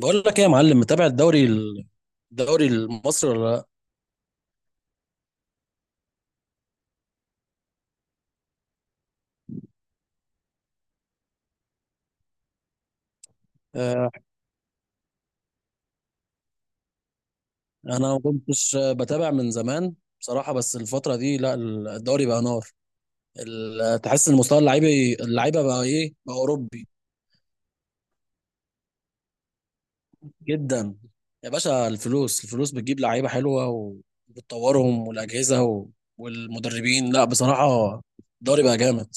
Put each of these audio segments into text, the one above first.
بقول لك ايه يا معلم، متابع الدوري المصري ولا لا؟ آه، انا ما كنتش بتابع من زمان بصراحه، بس الفتره دي لا. الدوري بقى نار. تحس ان مستوى اللعيبه بقى ايه، بقى اوروبي جدا. يا باشا، الفلوس بتجيب لعيبه حلوه وبتطورهم، والمدربين، لا بصراحه الدوري بقى جامد.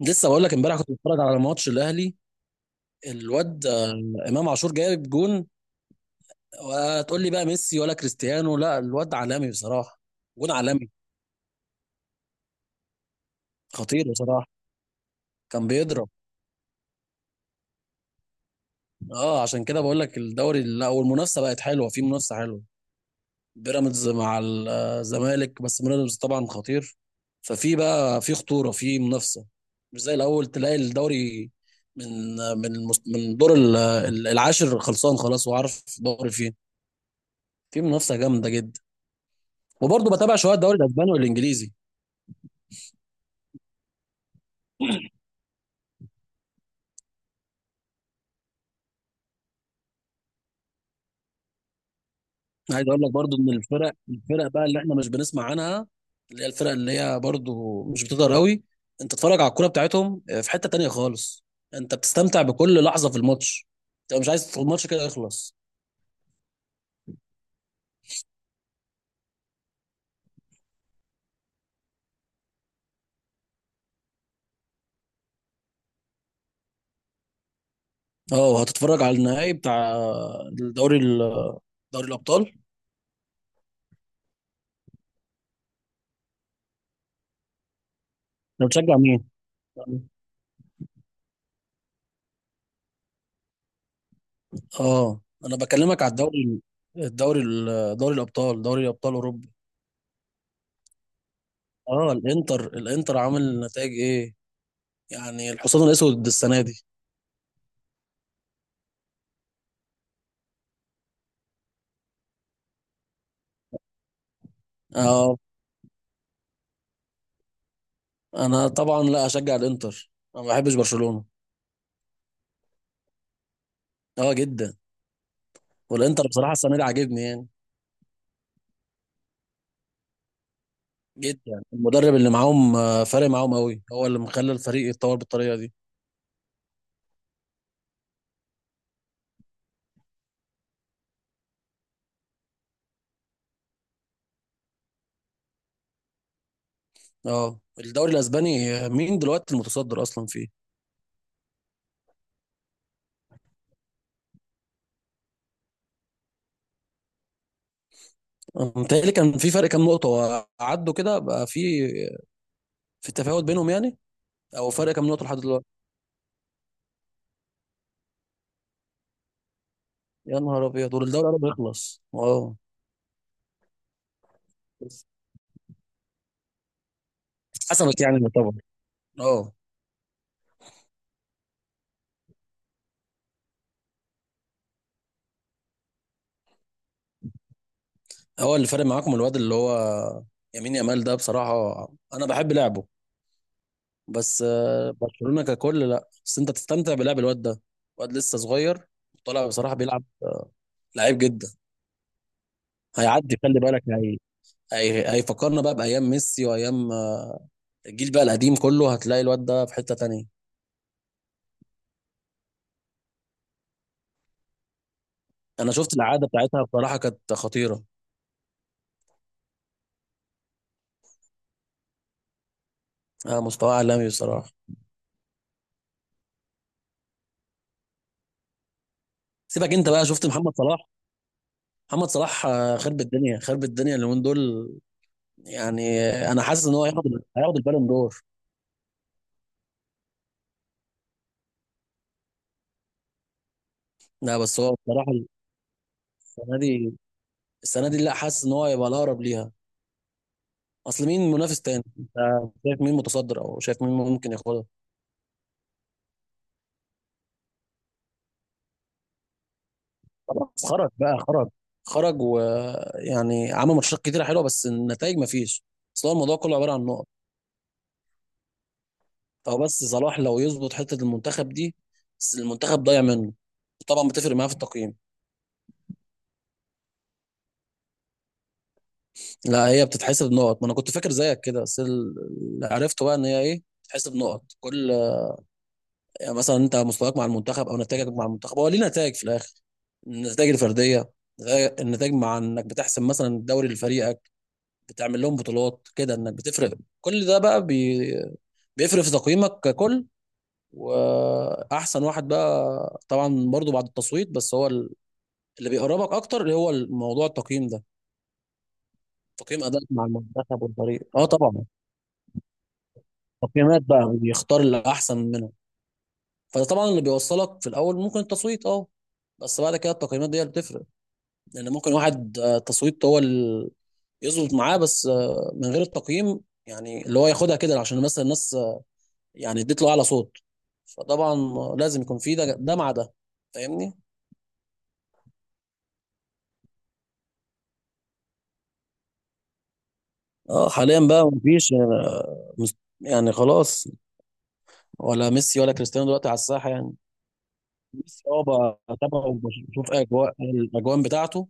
لسه بقول لك، امبارح كنت بتفرج على ماتش الاهلي، الواد امام عاشور جايب جون، وتقول لي بقى ميسي ولا كريستيانو، لا الواد عالمي بصراحه. جون عالمي، خطير بصراحه. كان بيضرب. اه عشان كده بقول لك الدوري لا، والمنافسه بقت حلوه، في منافسه حلوه. بيراميدز مع الزمالك، بس بيراميدز طبعا خطير. ففي بقى في خطوره، في منافسه، مش زي الاول تلاقي الدوري من من من دور العاشر خلصان خلاص، وعارف الدوري فين. في منافسه جامده جدا. وبرضه بتابع شويه الدوري الاسباني والانجليزي. عايز اقول لك برضو ان الفرق بقى اللي احنا مش بنسمع عنها، اللي هي الفرق اللي هي برضو مش بتقدر قوي. انت تتفرج على الكوره بتاعتهم في حته تانية خالص. انت بتستمتع بكل لحظه في الماتش، انت مش عايز الماتش كده يخلص. اه، هتتفرج على النهائي بتاع الدوري دوري الابطال؟ انت بتشجع مين؟ اه انا بكلمك على الدوري، الدوري دوري الابطال، دوري ابطال اوروبا. اه الانتر عامل نتائج ايه؟ يعني الحصان الاسود السنه دي؟ اه، انا طبعا لا اشجع الانتر، انا ما بحبش برشلونة. اه جدا. والانتر بصراحة السنة دي عاجبني يعني جدا. المدرب اللي معاهم فارق معاهم قوي، هو اللي مخلى الفريق يتطور بالطريقة دي. اه الدوري الاسباني، مين دلوقتي المتصدر اصلا فيه؟ متهيألي كان في فرق كام نقطة، وعدوا كده بقى في في تفاوت بينهم يعني. او فرق كام نقطة لحد دلوقتي؟ يا نهار ابيض، دول الدوري قرب يخلص. اه حسمت يعني طبعا. اه. هو اللي فارق معاكم الواد اللي هو يمين يامال ده بصراحة، أنا بحب لعبه. بس برشلونة ككل لا، بس انت تستمتع بلعب الواد ده، واد لسه صغير، طالع بصراحة، بيلعب لعيب جدا. هيعدي خلي بالك. هيفكرنا بقى بأيام ميسي وأيام الجيل بقى القديم كله. هتلاقي الواد ده في حتة تانية. انا شفت الإعادة بتاعتها بصراحة كانت خطيرة. آه مستوى عالمي بصراحة. سيبك انت بقى، شفت محمد صلاح؟ محمد صلاح خرب الدنيا اليومين دول. يعني انا حاسس ان هو هياخد البالون دور. لا بس هو بصراحة السنة دي السنة دي لا، حاسس ان هو هيبقى الأقرب ليها. اصل مين منافس تاني، انت شايف مين متصدر او شايف مين ممكن ياخدها؟ خلاص خرج بقى، خرج. خرج ويعني عمل ماتشات كتيره حلوه، بس النتائج ما فيش. اصل هو الموضوع كله عباره عن نقط. فهو بس صلاح لو يظبط حته المنتخب دي، بس المنتخب ضايع منه. طبعا بتفرق معاه في التقييم. لا هي بتتحسب نقط، ما انا كنت فاكر زيك كده، بس اللي عرفته بقى ان هي ايه، بتتحسب نقط كل، يعني مثلا انت مستواك مع المنتخب او نتائجك مع المنتخب، هو ليه نتائج في الاخر، النتائج الفرديه، النتائج مع انك بتحسم مثلا الدوري لفريقك، بتعمل لهم بطولات كده، انك بتفرق، كل ده بقى بيفرق في تقييمك ككل. واحسن واحد بقى طبعا برضو بعد التصويت، بس هو اللي بيقربك اكتر اللي هو الموضوع التقييم ده، تقييم ادائك مع المنتخب والفريق. اه طبعا، تقييمات بقى بيختار الاحسن منهم. فده طبعا اللي بيوصلك في الاول ممكن التصويت، اه بس بعد كده التقييمات دي اللي بتفرق. لان ممكن واحد تصويت هو اللي يظبط معاه، بس من غير التقييم، يعني اللي هو ياخدها كده عشان مثلا الناس يعني اديت له اعلى صوت، فطبعا لازم يكون في ده مع ده، فاهمني. اه حاليا بقى مفيش يعني يعني خلاص، ولا ميسي ولا كريستيانو دلوقتي على الساحه يعني. ميسي اه بقى تابعه وبشوف اجواء الاجوان بتاعته،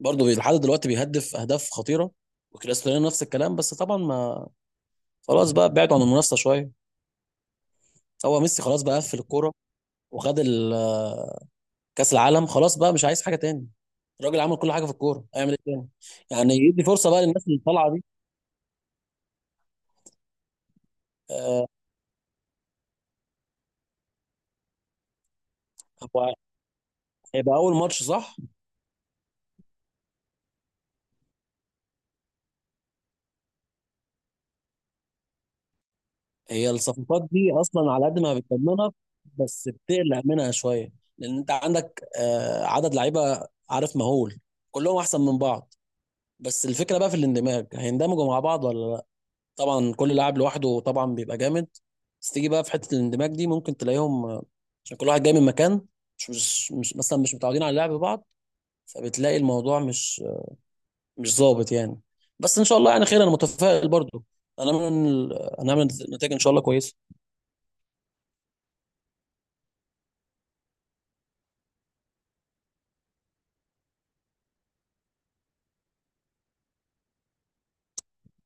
برضه لحد دلوقتي بيهدف اهداف خطيره. وكريستيانو نفس الكلام، بس طبعا ما، خلاص بقى بعدوا عن المنافسه شويه. هو ميسي خلاص بقى قفل الكوره، وخد كاس العالم، خلاص بقى مش عايز حاجه تاني. الراجل عمل كل حاجه في الكوره، هيعمل ايه تاني؟ يعني يدي فرصه بقى للناس اللي طالعه دي. آه، هو هيبقى اول ماتش صح؟ هي الصفقات دي اصلا على قد ما بتطمنك، بس بتقلق منها شويه. لان انت عندك عدد لعيبه عارف مهول، كلهم احسن من بعض، بس الفكره بقى في الاندماج، هيندمجوا مع بعض ولا لا. طبعا كل لاعب لوحده طبعا بيبقى جامد، بس تيجي بقى في حته الاندماج دي ممكن تلاقيهم عشان كل واحد جاي من مكان، مثلا مش متعودين على لعب بعض، فبتلاقي الموضوع مش ظابط يعني. بس ان شاء الله يعني خير، انا متفائل برضو. هنعمل نتائج ان شاء الله كويسه.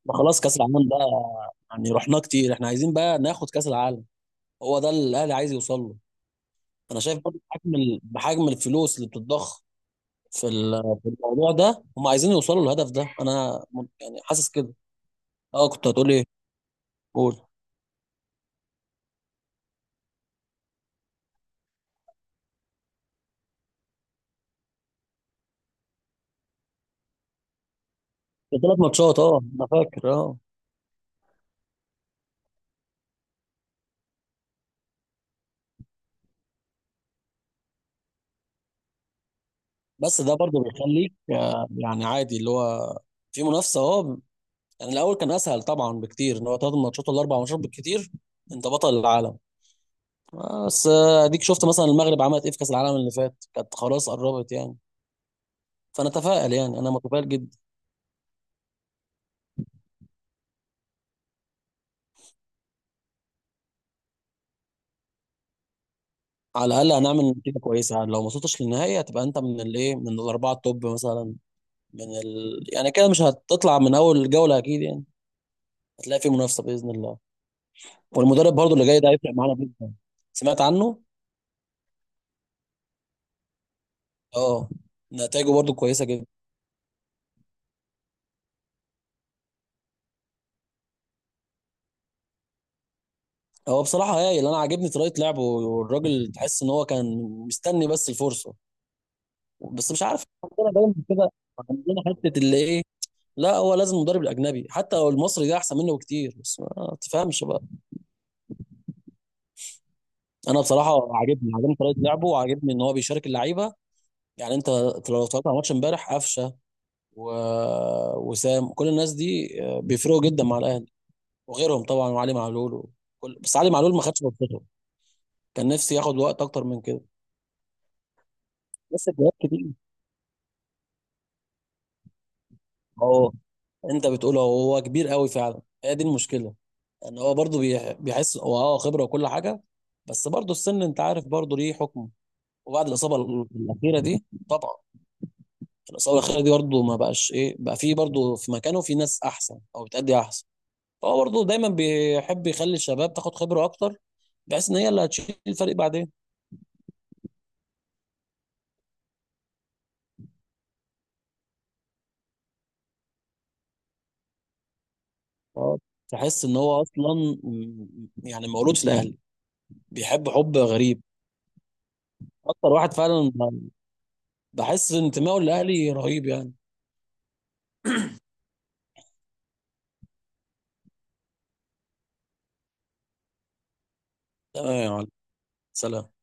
ما خلاص كاس العالم ده يعني رحناه كتير، احنا عايزين بقى ناخد كاس العالم، هو ده اللي الاهلي عايز يوصل له. انا شايف برضو بحجم بحجم الفلوس اللي بتتضخ في في الموضوع ده، هم عايزين يوصلوا للهدف ده، انا يعني حاسس كده. اه كنت هتقول ايه؟ قول. ثلاث ماتشات اه انا فاكر، اه. بس ده برضو بيخليك يعني عادي اللي هو في منافسه، اه يعني الاول كان اسهل طبعا بكتير، ان هو ثلاث ماتشات ولا اربع ماتشات بالكتير انت بطل العالم. بس اديك شفت مثلا المغرب عملت ايه في كاس العالم اللي فات، كانت خلاص قربت يعني. فانا اتفائل يعني، انا متفائل جدا. على الاقل هنعمل نتيجه كويسه يعني، لو ما وصلتش للنهائي هتبقى انت من الايه، من الاربعه التوب مثلا، من ال... يعني كده مش هتطلع من اول جوله اكيد يعني، هتلاقي في منافسه باذن الله. والمدرب برضو اللي جاي ده هيفرق معانا جدا. سمعت عنه؟ اه نتائجه برضو كويسه جدا. هو بصراحه هايل، انا عاجبني طريقه لعبه، والراجل تحس ان هو كان مستني بس الفرصه. بس مش عارف عندنا دايما كده، عندنا حته اللي ايه. لا هو لازم المدرب الاجنبي حتى لو المصري ده احسن منه بكتير، بس ما تفهمش بقى. انا بصراحه عاجبني طريقه لعبه، وعاجبني ان هو بيشارك اللعيبه. يعني انت لو اتفرجت على ماتش امبارح، قفشه و... وسام، كل الناس دي بيفرقوا جدا مع الاهلي، وغيرهم طبعا، وعلي معلول وكل... بس علي معلول ما خدش فرصته، كان نفسي ياخد وقت اكتر من كده، بس الجواب كتير. اهو، انت بتقول اهو، هو كبير قوي فعلا، هي دي المشكله، ان هو برضه بيحس هو اه خبره وكل حاجه، بس برضه السن انت عارف برضه ليه حكم. وبعد الاصابه الاخيره دي طبعا، الاصابه الاخيره دي برضه ما بقاش ايه بقى، في برضه في مكانه في ناس احسن او بتأدي احسن. فهو برضه دايما بيحب يخلي الشباب تاخد خبره اكتر، بحيث ان هي اللي هتشيل الفريق بعدين. اه تحس ان هو اصلا يعني مولود في الاهلي، بيحب حب غريب. اكتر واحد فعلا، بحس انتمائه للاهلي رهيب يعني. تمام يا معلم، سلام.